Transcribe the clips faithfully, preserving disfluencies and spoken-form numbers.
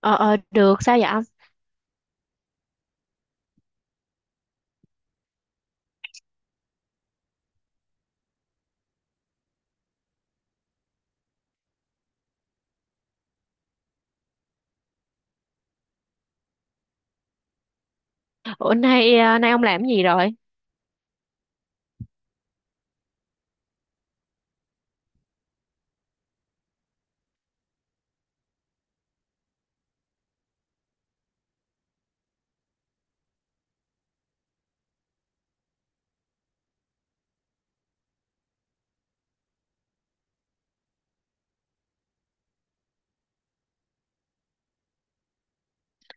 Ờ, ờ, Được, sao vậy ông? Ủa, nay, à, nay ông làm cái gì rồi?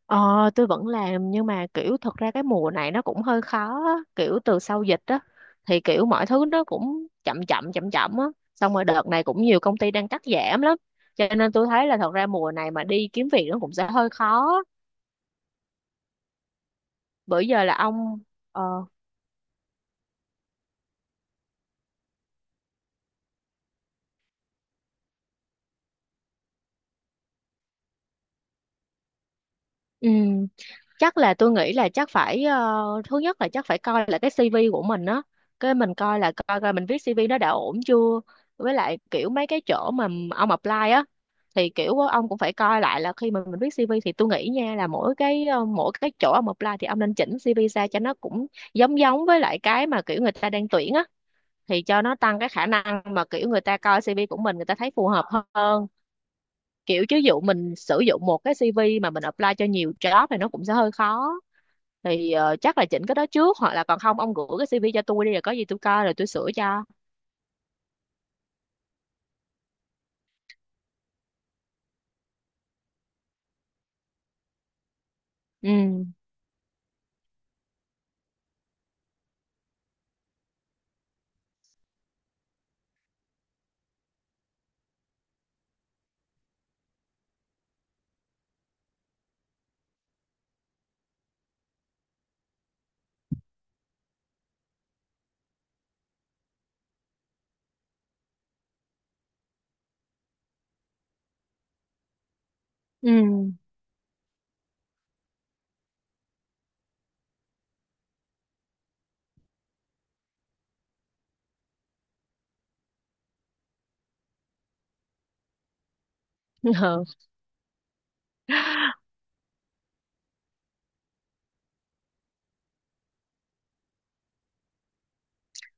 Ờ, tôi vẫn làm, nhưng mà kiểu thật ra cái mùa này nó cũng hơi khó á. Kiểu từ sau dịch á, thì kiểu mọi thứ nó cũng chậm chậm, chậm chậm á. Xong rồi đợt này cũng nhiều công ty đang cắt giảm lắm. Cho nên tôi thấy là thật ra mùa này mà đi kiếm việc nó cũng sẽ hơi khó. Bữa giờ là ông, ờ, ừ, chắc là tôi nghĩ là chắc phải ờ, thứ nhất là chắc phải coi là cái xê vê của mình á, cái mình coi là coi coi mình viết xê vê nó đã ổn chưa, với lại kiểu mấy cái chỗ mà ông apply á, thì kiểu ông cũng phải coi lại là khi mà mình viết xê vê thì tôi nghĩ nha là mỗi cái ờ, mỗi cái chỗ ông apply thì ông nên chỉnh xê vê ra cho nó cũng giống giống với lại cái mà kiểu người ta đang tuyển á, thì cho nó tăng cái khả năng mà kiểu người ta coi xê vê của mình người ta thấy phù hợp hơn, kiểu chứ dụ mình sử dụng một cái xê vê mà mình apply cho nhiều job thì nó cũng sẽ hơi khó. Thì ờ, chắc là chỉnh cái đó trước, hoặc là còn không ông gửi cái xê vê cho tôi đi rồi có gì tôi coi rồi tôi sửa cho. Ừ, ừ.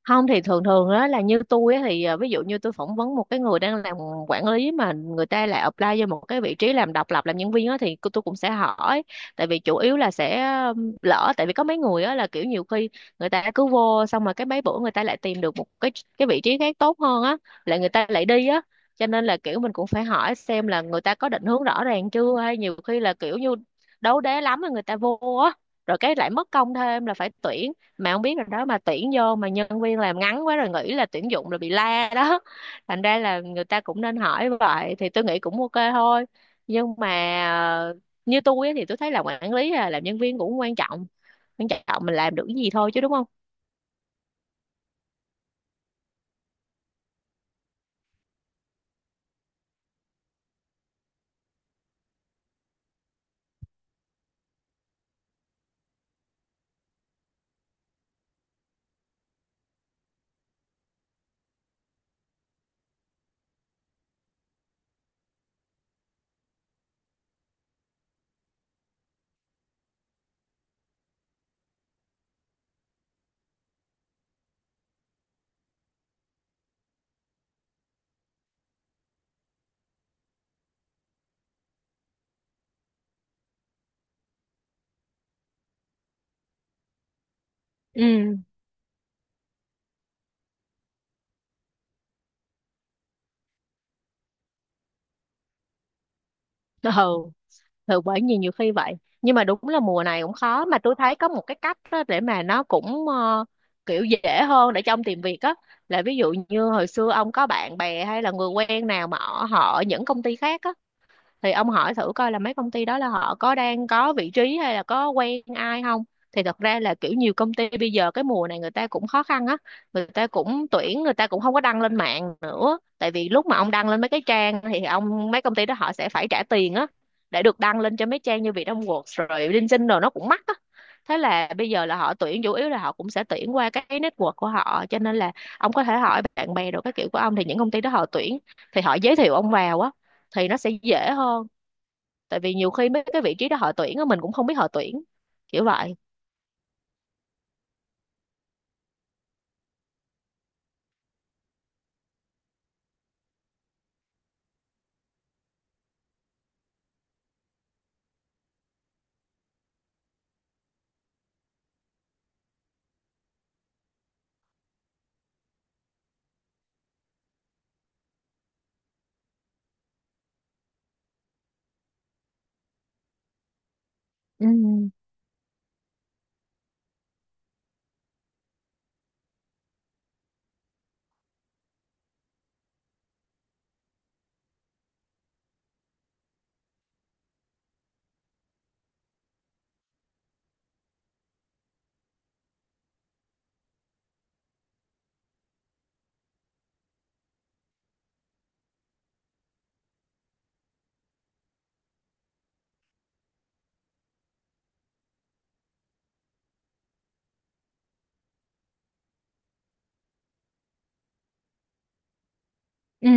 Không thì thường thường đó là như tôi á, thì à, ví dụ như tôi phỏng vấn một cái người đang làm quản lý mà người ta lại apply vô một cái vị trí làm độc lập làm nhân viên á, thì cô- tôi cũng sẽ hỏi. Tại vì chủ yếu là sẽ um, lỡ tại vì có mấy người á là kiểu nhiều khi người ta cứ vô, xong mà cái mấy bữa người ta lại tìm được một cái cái vị trí khác tốt hơn á, lại người ta lại đi á. Cho nên là kiểu mình cũng phải hỏi xem là người ta có định hướng rõ ràng chưa, hay nhiều khi là kiểu như đấu đá lắm rồi người ta vô á, rồi cái lại mất công thêm là phải tuyển, mà không biết rồi đó mà tuyển vô mà nhân viên làm ngắn quá rồi nghĩ là tuyển dụng rồi bị la đó. Thành ra là người ta cũng nên hỏi vậy thì tôi nghĩ cũng ok thôi. Nhưng mà ờ, như tôi á thì tôi thấy làm quản lý hay là làm nhân viên cũng quan trọng, quan trọng mình làm được cái gì thôi chứ đúng không? Ừ, ừ, bởi vì nhiều khi vậy. Nhưng mà đúng là mùa này cũng khó, mà tôi thấy có một cái cách á để mà nó cũng ờ, kiểu dễ hơn để cho ông tìm việc á, là ví dụ như hồi xưa ông có bạn bè hay là người quen nào mà ở họ ở những công ty khác á, thì ông hỏi thử coi là mấy công ty đó là họ có đang có vị trí hay là có quen ai không. Thì thật ra là kiểu nhiều công ty bây giờ cái mùa này người ta cũng khó khăn á, người ta cũng tuyển, người ta cũng không có đăng lên mạng, tại vì lúc mà ông đăng lên mấy cái trang thì ông, mấy công ty đó họ sẽ phải trả tiền á, để được đăng lên cho mấy trang như Vietnamworks rồi LinkedIn rồi nó cũng mắc á. Thế là bây giờ là họ tuyển chủ yếu là họ cũng sẽ tuyển qua cái network của họ, cho nên là ông có thể hỏi bạn bè rồi các kiểu của ông, thì những công ty đó họ tuyển thì họ giới thiệu ông vào á, thì nó sẽ dễ hơn. Tại vì nhiều khi mấy cái vị trí đó họ tuyển á mình cũng không biết họ tuyển, kiểu vậy. Ừ, ừ,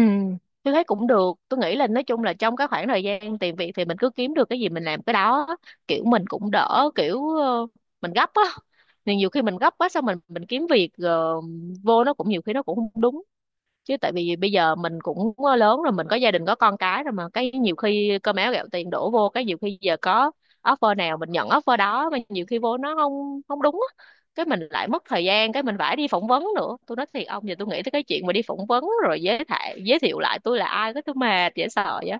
tôi thấy cũng được, tôi nghĩ là nói chung là trong cái khoảng thời gian tìm việc thì mình cứ kiếm được cái gì mình làm cái đó, kiểu mình cũng đỡ kiểu ờ, mình gấp á. Thì nhiều khi mình gấp quá, xong mình mình kiếm việc ờ, vô nó cũng nhiều khi nó cũng không đúng, chứ tại vì bây giờ mình cũng ờ, lớn rồi, mình có gia đình có con cái rồi, mà cái nhiều khi cơm áo gạo tiền đổ vô, cái nhiều khi giờ có offer nào mình nhận offer đó, mà nhiều khi vô nó không không đúng á, cái mình lại mất thời gian, cái mình phải đi phỏng vấn nữa. Tôi nói thiệt ông, giờ tôi nghĩ tới cái chuyện mà đi phỏng vấn rồi giới thiệu giới thiệu lại tôi là ai, cái tôi mệt dễ sợ vậy.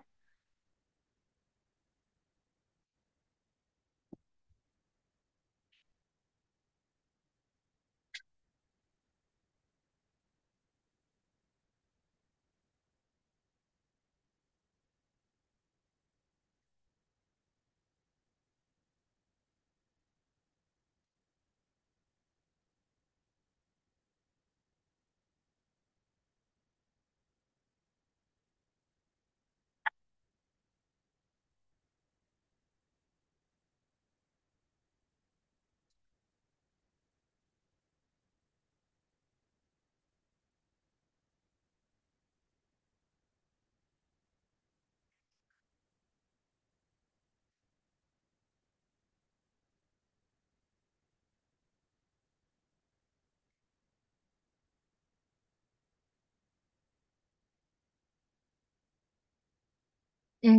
Ừ.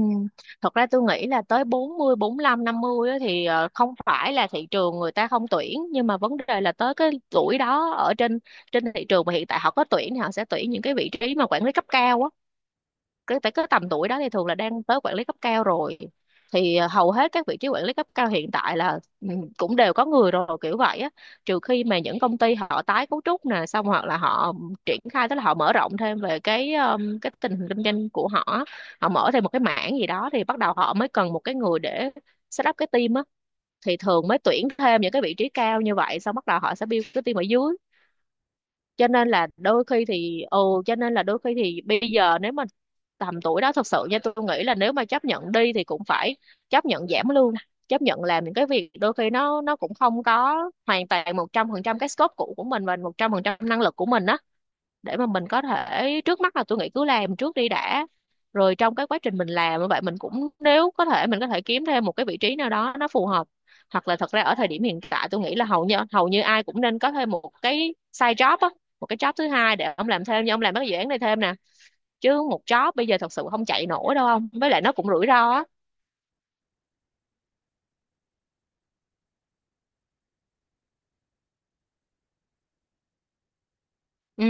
Thật ra tôi nghĩ là tới bốn mươi, năm 50 á, thì ờ, không phải là thị trường người ta không tuyển, nhưng mà vấn đề là tới cái tuổi đó, ở trên trên thị trường mà hiện tại họ có tuyển thì họ sẽ tuyển những cái vị trí mà quản lý cấp cao á, cái phải cái tầm tuổi đó thì thường là đang tới quản lý cấp cao rồi. Thì à, hầu hết các vị trí quản lý cấp cao hiện tại là ừ, cũng đều có người rồi kiểu vậy á, trừ khi mà những công ty họ tái cấu trúc nè, xong hoặc là họ triển khai, tức là họ mở rộng thêm về cái um, cái tình hình kinh doanh của họ á. Họ mở thêm một cái mảng gì đó thì bắt đầu họ mới cần một cái người để set up cái team á, thì thường mới tuyển thêm những cái vị trí cao như vậy, xong bắt đầu họ sẽ build cái team ở dưới. Cho nên là đôi khi thì ừ. Cho nên là đôi khi thì bây giờ nếu mà tầm tuổi đó thật sự nha, tôi nghĩ là nếu mà chấp nhận đi thì cũng phải chấp nhận giảm lương, chấp nhận làm những cái việc đôi khi nó nó cũng không có hoàn toàn một trăm phần trăm cái scope cũ của mình và một trăm phần trăm năng lực của mình á, để mà mình có thể, trước mắt là tôi nghĩ cứ làm trước đi đã, rồi trong cái quá trình mình làm như vậy mình cũng, nếu có thể mình có thể kiếm thêm một cái vị trí nào đó nó phù hợp. Hoặc là thật ra ở thời điểm hiện tại tôi nghĩ là hầu như hầu như ai cũng nên có thêm một cái side job á, một cái job thứ hai để ông làm thêm nhưng ông làm mấy cái dự án này thêm nè, chứ một job bây giờ thật sự không chạy nổi đâu ông, với lại nó cũng rủi ro á. Ừ.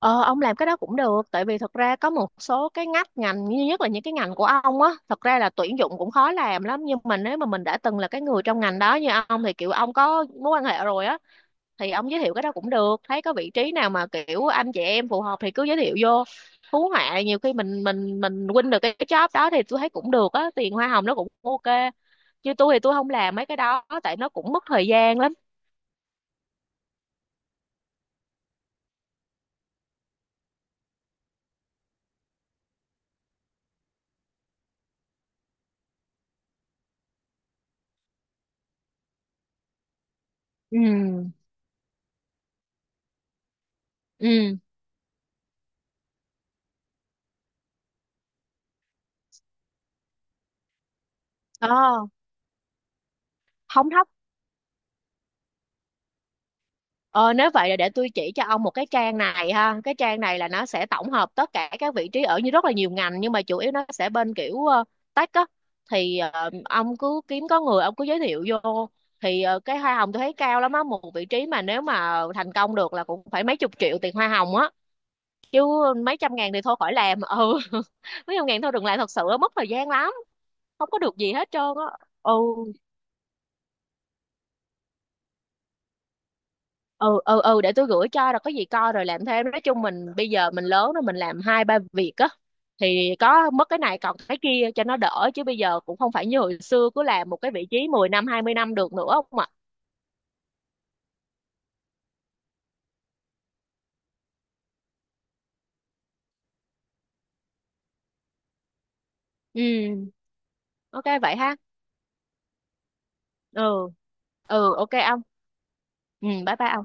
Ờ, ông làm cái đó cũng được, tại vì thật ra có một số cái ngách ngành như nhất là những cái ngành của ông á, thật ra là tuyển dụng cũng khó làm lắm, nhưng mà nếu mà mình đã từng là cái người trong ngành đó như ông thì kiểu ông có mối quan hệ rồi á, thì ông giới thiệu cái đó cũng được, thấy có vị trí nào mà kiểu anh chị em phù hợp thì cứ giới thiệu vô, hú họa nhiều khi mình mình mình win được cái, cái job đó thì tôi thấy cũng được á, tiền hoa hồng nó cũng ok. Chứ tôi thì tôi không làm mấy cái đó tại nó cũng mất thời gian lắm. Ừ, ừ, ờ, không thóc. Ờ, nếu vậy là để tôi chỉ cho ông một cái trang này ha. Cái trang này là nó sẽ tổng hợp tất cả các vị trí ở như rất là nhiều ngành, nhưng mà chủ yếu nó sẽ bên kiểu ờ, tech á. Thì ờ, ông cứ kiếm có người ông cứ giới thiệu vô. Thì ờ, cái hoa hồng tôi thấy cao lắm á, một vị trí mà nếu mà thành công được là cũng phải mấy chục triệu tiền hoa hồng á. Chứ mấy trăm ngàn thì thôi khỏi làm. Ừ. Mấy trăm ngàn thôi đừng làm thật sự á, mất thời gian lắm, không có được gì hết trơn á. Ừ. Ừ, ừ, ừ, để tôi gửi cho rồi có gì coi rồi làm thêm. Nói chung mình bây giờ mình lớn rồi mình làm hai ba việc á, thì có mất cái này còn cái kia cho nó đỡ, chứ bây giờ cũng không phải như hồi xưa cứ làm một cái vị trí mười năm hai mươi năm được nữa ông ạ. Ừ. Ok vậy ha. Ừ. Ừ, ok ông. Ừ, bye bye ông.